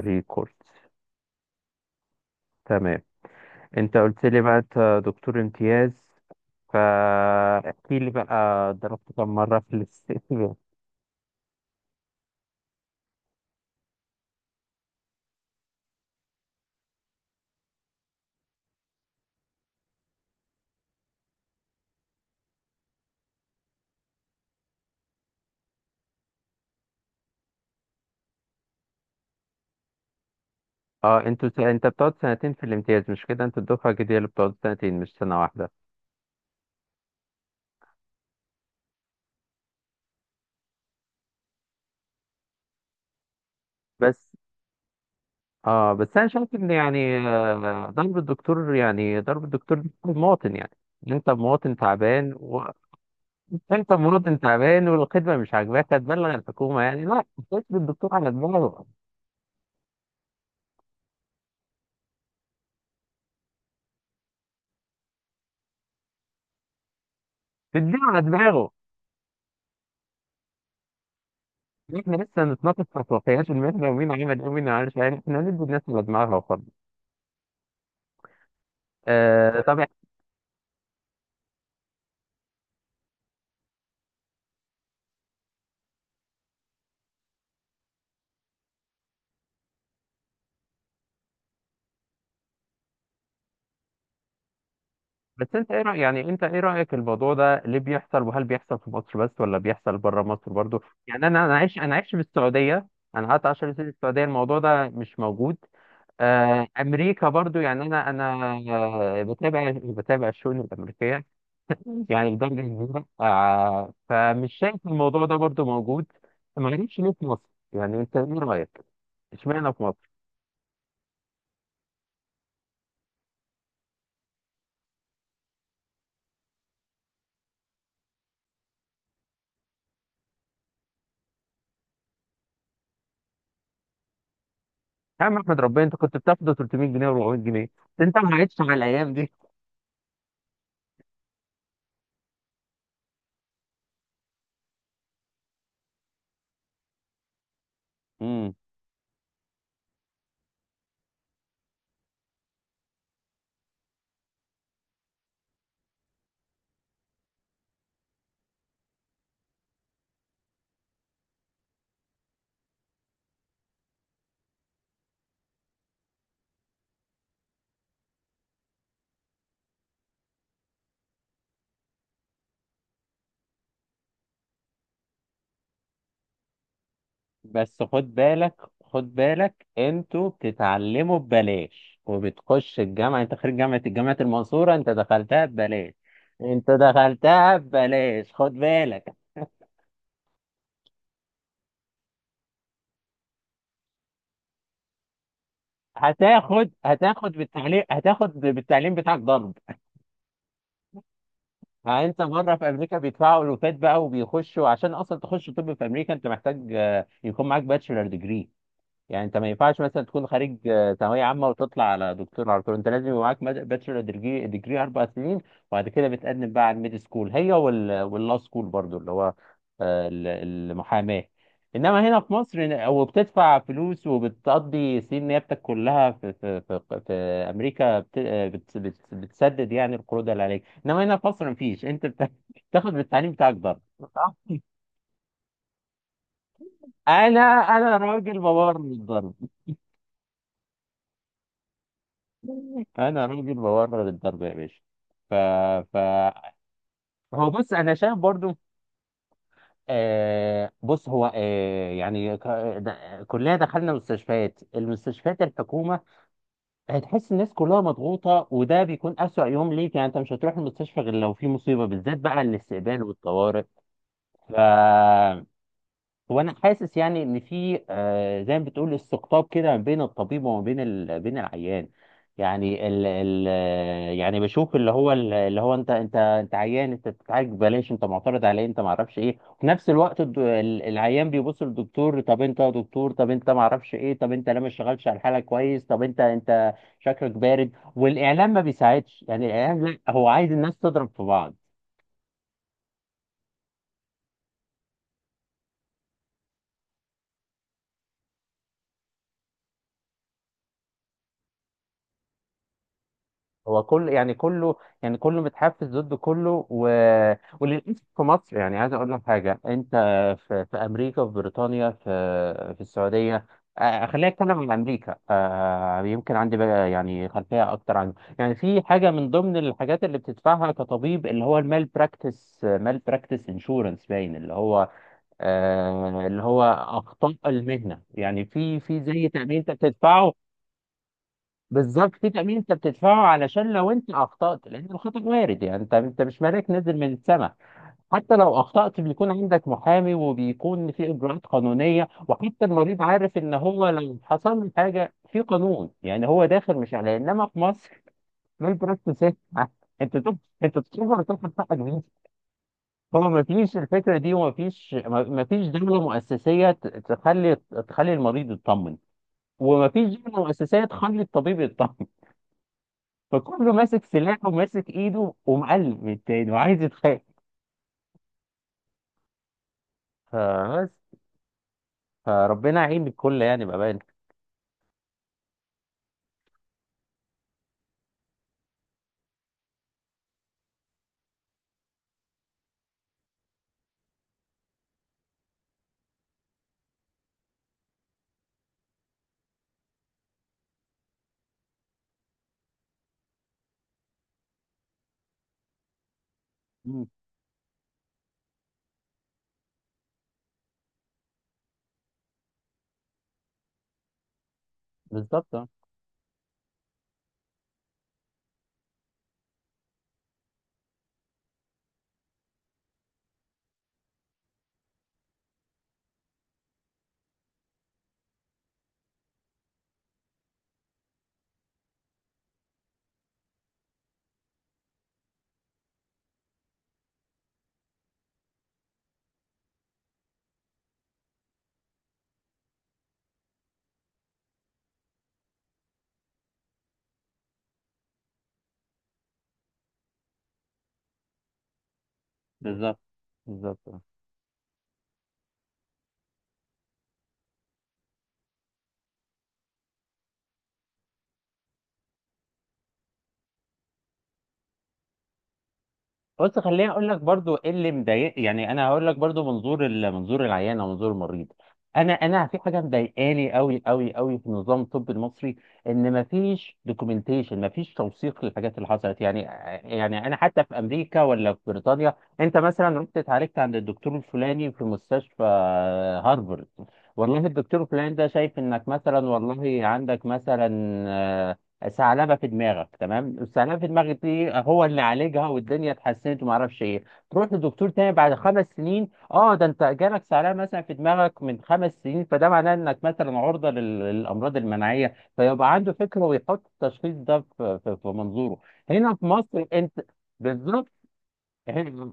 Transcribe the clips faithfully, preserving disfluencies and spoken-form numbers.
ريكوردز. تمام. انت قلت لي بقى انت دكتور امتياز، فاحكي لي بقى ضربت كم مرة في الاستقبال؟ اه انتوا س- انت بتقعد سنتين في الامتياز، مش كده؟ انت الدفعة الجديدة اللي بتقعد سنتين مش سنة واحدة. بس اه بس انا شايف ان يعني آه، ضرب الدكتور، يعني ضرب الدكتور ده المواطن يعني. انت مواطن تعبان و... انت مواطن تعبان والخدمة مش عاجباك هتبلغ الحكومة يعني، لا، تدي الدكتور على دماغه، تديله على دماغه. احنا لسه نتناقش في خصوصيات المترو ومين عمل ايه ومين ما عملش، يعني احنا ندي الناس اللي دماغها وخلاص. آه طب يعني، بس انت ايه رايك؟ يعني انت ايه رايك، الموضوع ده ليه بيحصل؟ وهل بيحصل في مصر بس ولا بيحصل بره مصر برضو؟ يعني انا انا عايش، انا عايش في السعوديه. انا قعدت 10 سنين في السعوديه، الموضوع ده مش موجود. آه، امريكا برضو، يعني انا انا آه، بتابع، بتابع الشؤون الامريكيه يعني بدرجة كبيرة، آه، فمش شايف الموضوع ده برضو موجود. ما غريبش، ليه في مصر؟ يعني انت ايه رأيك؟ اشمعنى في مصر؟ يا عم احمد ربنا، انت كنت بتاخده ثلاث مية جنيه و400 جنيه، انت ما عادش على الايام دي. امم بس خد بالك، خد بالك انتوا بتتعلموا ببلاش، وبتخش الجامعه، انت خريج جامعه، الجامعه المنصوره، انت دخلتها ببلاش، انت دخلتها ببلاش خد بالك. هتاخد هتاخد بالتعليم هتاخد بالتعليم بتاعك ضرب. ها، انت بره في امريكا بيدفعوا الوفات بقى، وبيخشوا عشان اصلا تخش طب في امريكا، انت محتاج آه، يكون معاك باتشلر ديجري. يعني انت ما ينفعش مثلا تكون خارج آه، ثانويه عامه وتطلع على دكتور على طول، انت لازم يبقى معاك باتشلر ديجري، ديجري اربع سنين، وبعد كده بتقدم بقى على الميد سكول هي وال واللا سكول برضو اللي هو آه، ال- المحاماه. انما هنا في مصر، إن- او بتدفع فلوس وبتقضي سنين نيابتك كلها في في في, في امريكا بت آه، بت بت بتسدد يعني القروض اللي عليك، انما هنا في مصر مفيش. انت بت- بتاخد بالتعليم بتاعك ضرب، صح؟ انا انا راجل ببرر الضرب، انا راجل بورر الضرب يا باشا. ف ف هو بص، انا شايف برضو آه بص هو آه يعني ك... د... كلنا دخلنا مستشفيات المستشفيات الحكومه، هتحس الناس كلها مضغوطه، وده بيكون اسوأ يوم ليك. يعني انت مش هتروح المستشفى غير لو في مصيبه، بالذات بقى الاستقبال والطوارئ. ف هو انا حاسس يعني ان في آه، زي ما بتقول استقطاب كده ما بين الطبيب وما بين ال... بين العيان. يعني ال... ال... آه، يعني بشوف اللي هو ال- اللي هو انت انت انت عيان، انت بتتعالج ببلاش، انت معترض عليه، انت ما اعرفش ايه. وفي نفس الوقت الد... ال- العيان بيبص للدكتور، طب انت يا دكتور، طب انت ما اعرفش ايه، طب انت لا ما اشتغلتش على الحاله كويس، طب انت انت شكلك بارد. والاعلام ما بيساعدش، يعني الاعلام لا، هو عايز الناس تضرب في بعض. هو كل يعني كله يعني كله متحفز ضد كله و... وللأسف في مصر، يعني عايز أقول لك حاجة. أنت في, في أمريكا، في بريطانيا، في في السعودية، آه، خلينا نتكلم عن أمريكا، آه، يمكن عندي بقى يعني خلفية أكتر عن، يعني في حاجة من ضمن الحاجات اللي بتدفعها كطبيب، اللي هو المال براكتس، مال براكتس انشورنس، باين اللي هو آه، اللي هو أخطاء المهنة، يعني في في زي تأمين أنت بتدفعه. بالظبط، في تأمين انت بتدفعه علشان لو انت اخطأت، لان الخطأ وارد، يعني انت انت مش ملاك نازل من السماء. حتى لو اخطأت بيكون عندك محامي، وبيكون في اجراءات قانونية، وحتى المريض عارف ان هو لو حصل له حاجة في قانون، يعني هو داخل مش عليه. انما في مصر مين براكتس إيه؟ انت تب... انت تقدر تاخد حقك منين؟ هو ما فيش الفكرة دي، وما فيش ما ما فيش دولة مؤسسية ت- تخلي، تخلي المريض يطمن، وما فيش دولة مؤسسية تخلي الطبيب يطمن. فكله ماسك سلاحه وماسك ايده ومقلب من التاني وعايز يتخانق. فبس فربنا يعين الكل يعني بأمان. مم. بالظبط. اه بالظبط. بالظبط، بص خليني اقول لك برضو ايه اللي مضايق، يعني انا هقول لك برضو منظور ال- منظور العيان او منظور المريض. انا انا في حاجه مضايقاني قوي قوي قوي في نظام الطب المصري، ان مفيش دوكيومنتيشن، مفيش توثيق للحاجات اللي حصلت يعني. يعني انا حتى في امريكا ولا في بريطانيا، انت مثلا رحت اتعالجت عند الدكتور الفلاني في مستشفى هارفرد، والله الدكتور الفلاني ده شايف انك مثلا، والله عندك مثلا ثعلبه في دماغك، تمام؟ الثعلبه في دماغك دي هو اللي عالجها، والدنيا اتحسنت وما اعرفش ايه. تروح لدكتور تاني بعد خمس سنين، اه ده انت جالك ثعلبه مثلا في دماغك من خمس سنين، فده معناه انك مثلا عرضه لل- للامراض المناعيه، فيبقى عنده فكره ويحط التشخيص ده في في في منظوره. هنا في مصر انت، بالظبط،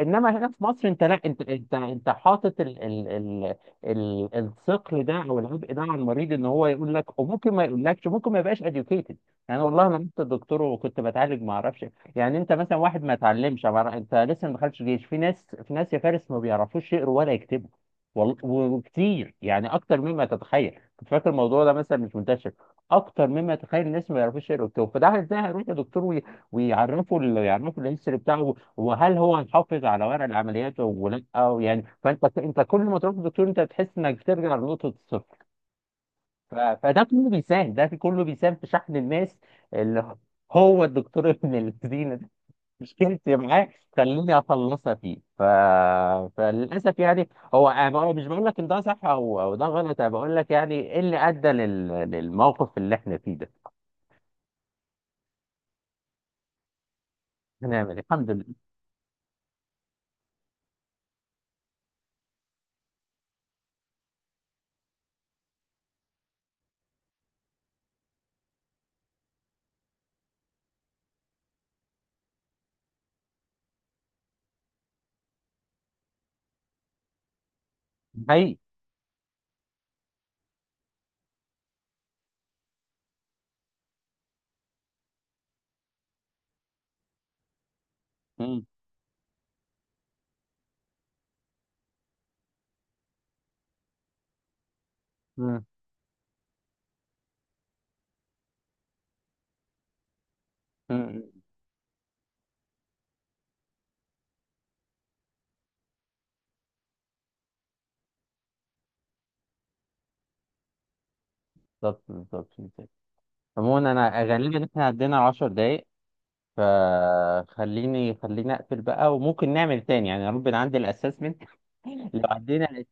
انما هنا في مصر انت لا، انت انت انت حاطط ال ال ال ال الثقل ده او العبء ده على المريض، ان هو يقول لك، وممكن ما يقولكش، ممكن ما يبقاش educated. يعني والله انا كنت دكتور وكنت بتعالج ما اعرفش، يعني انت مثلا واحد ما اتعلمش، ما أعرف- انت لسه ما دخلتش جيش، في ناس، في ناس يا فارس ما بيعرفوش يقروا ولا يكتبوا، والله، وكتير يعني اكتر مما تتخيل. كنت فاكر الموضوع ده مثلا مش منتشر، اكتر مما تتخيل. الناس ما يعرفوش يقروا ويكتبوا، فده ازاي هيروح لدكتور وي- ويعرفه ال- يعرفه الهيستوري بتاعه؟ وهل هو هيحافظ على ورق العمليات ولا؟ او يعني فانت انت كل ما تروح للدكتور انت بتحس انك بترجع لنقطه الصفر. ف... فده كله بيساهم، ده في كله بيساهم في شحن الماس اللي هو الدكتور ابن الذين ده. مشكلتي معاه خليني اخلصها فيه. ف... فللاسف يعني، هو أنا بقول- مش بقول لك ان ده صح او او ده غلط، انا بقول لك يعني ايه اللي ادى لل... للموقف اللي احنا فيه ده. هنعمل إيه؟ الحمد لله. هي بالظبط، بالظبط. عموما انا غالبا احنا عدينا عشر دقايق، فخليني خليني اقفل بقى، وممكن نعمل تاني يعني، يا رب نعدي الاسسمنت لو عدينا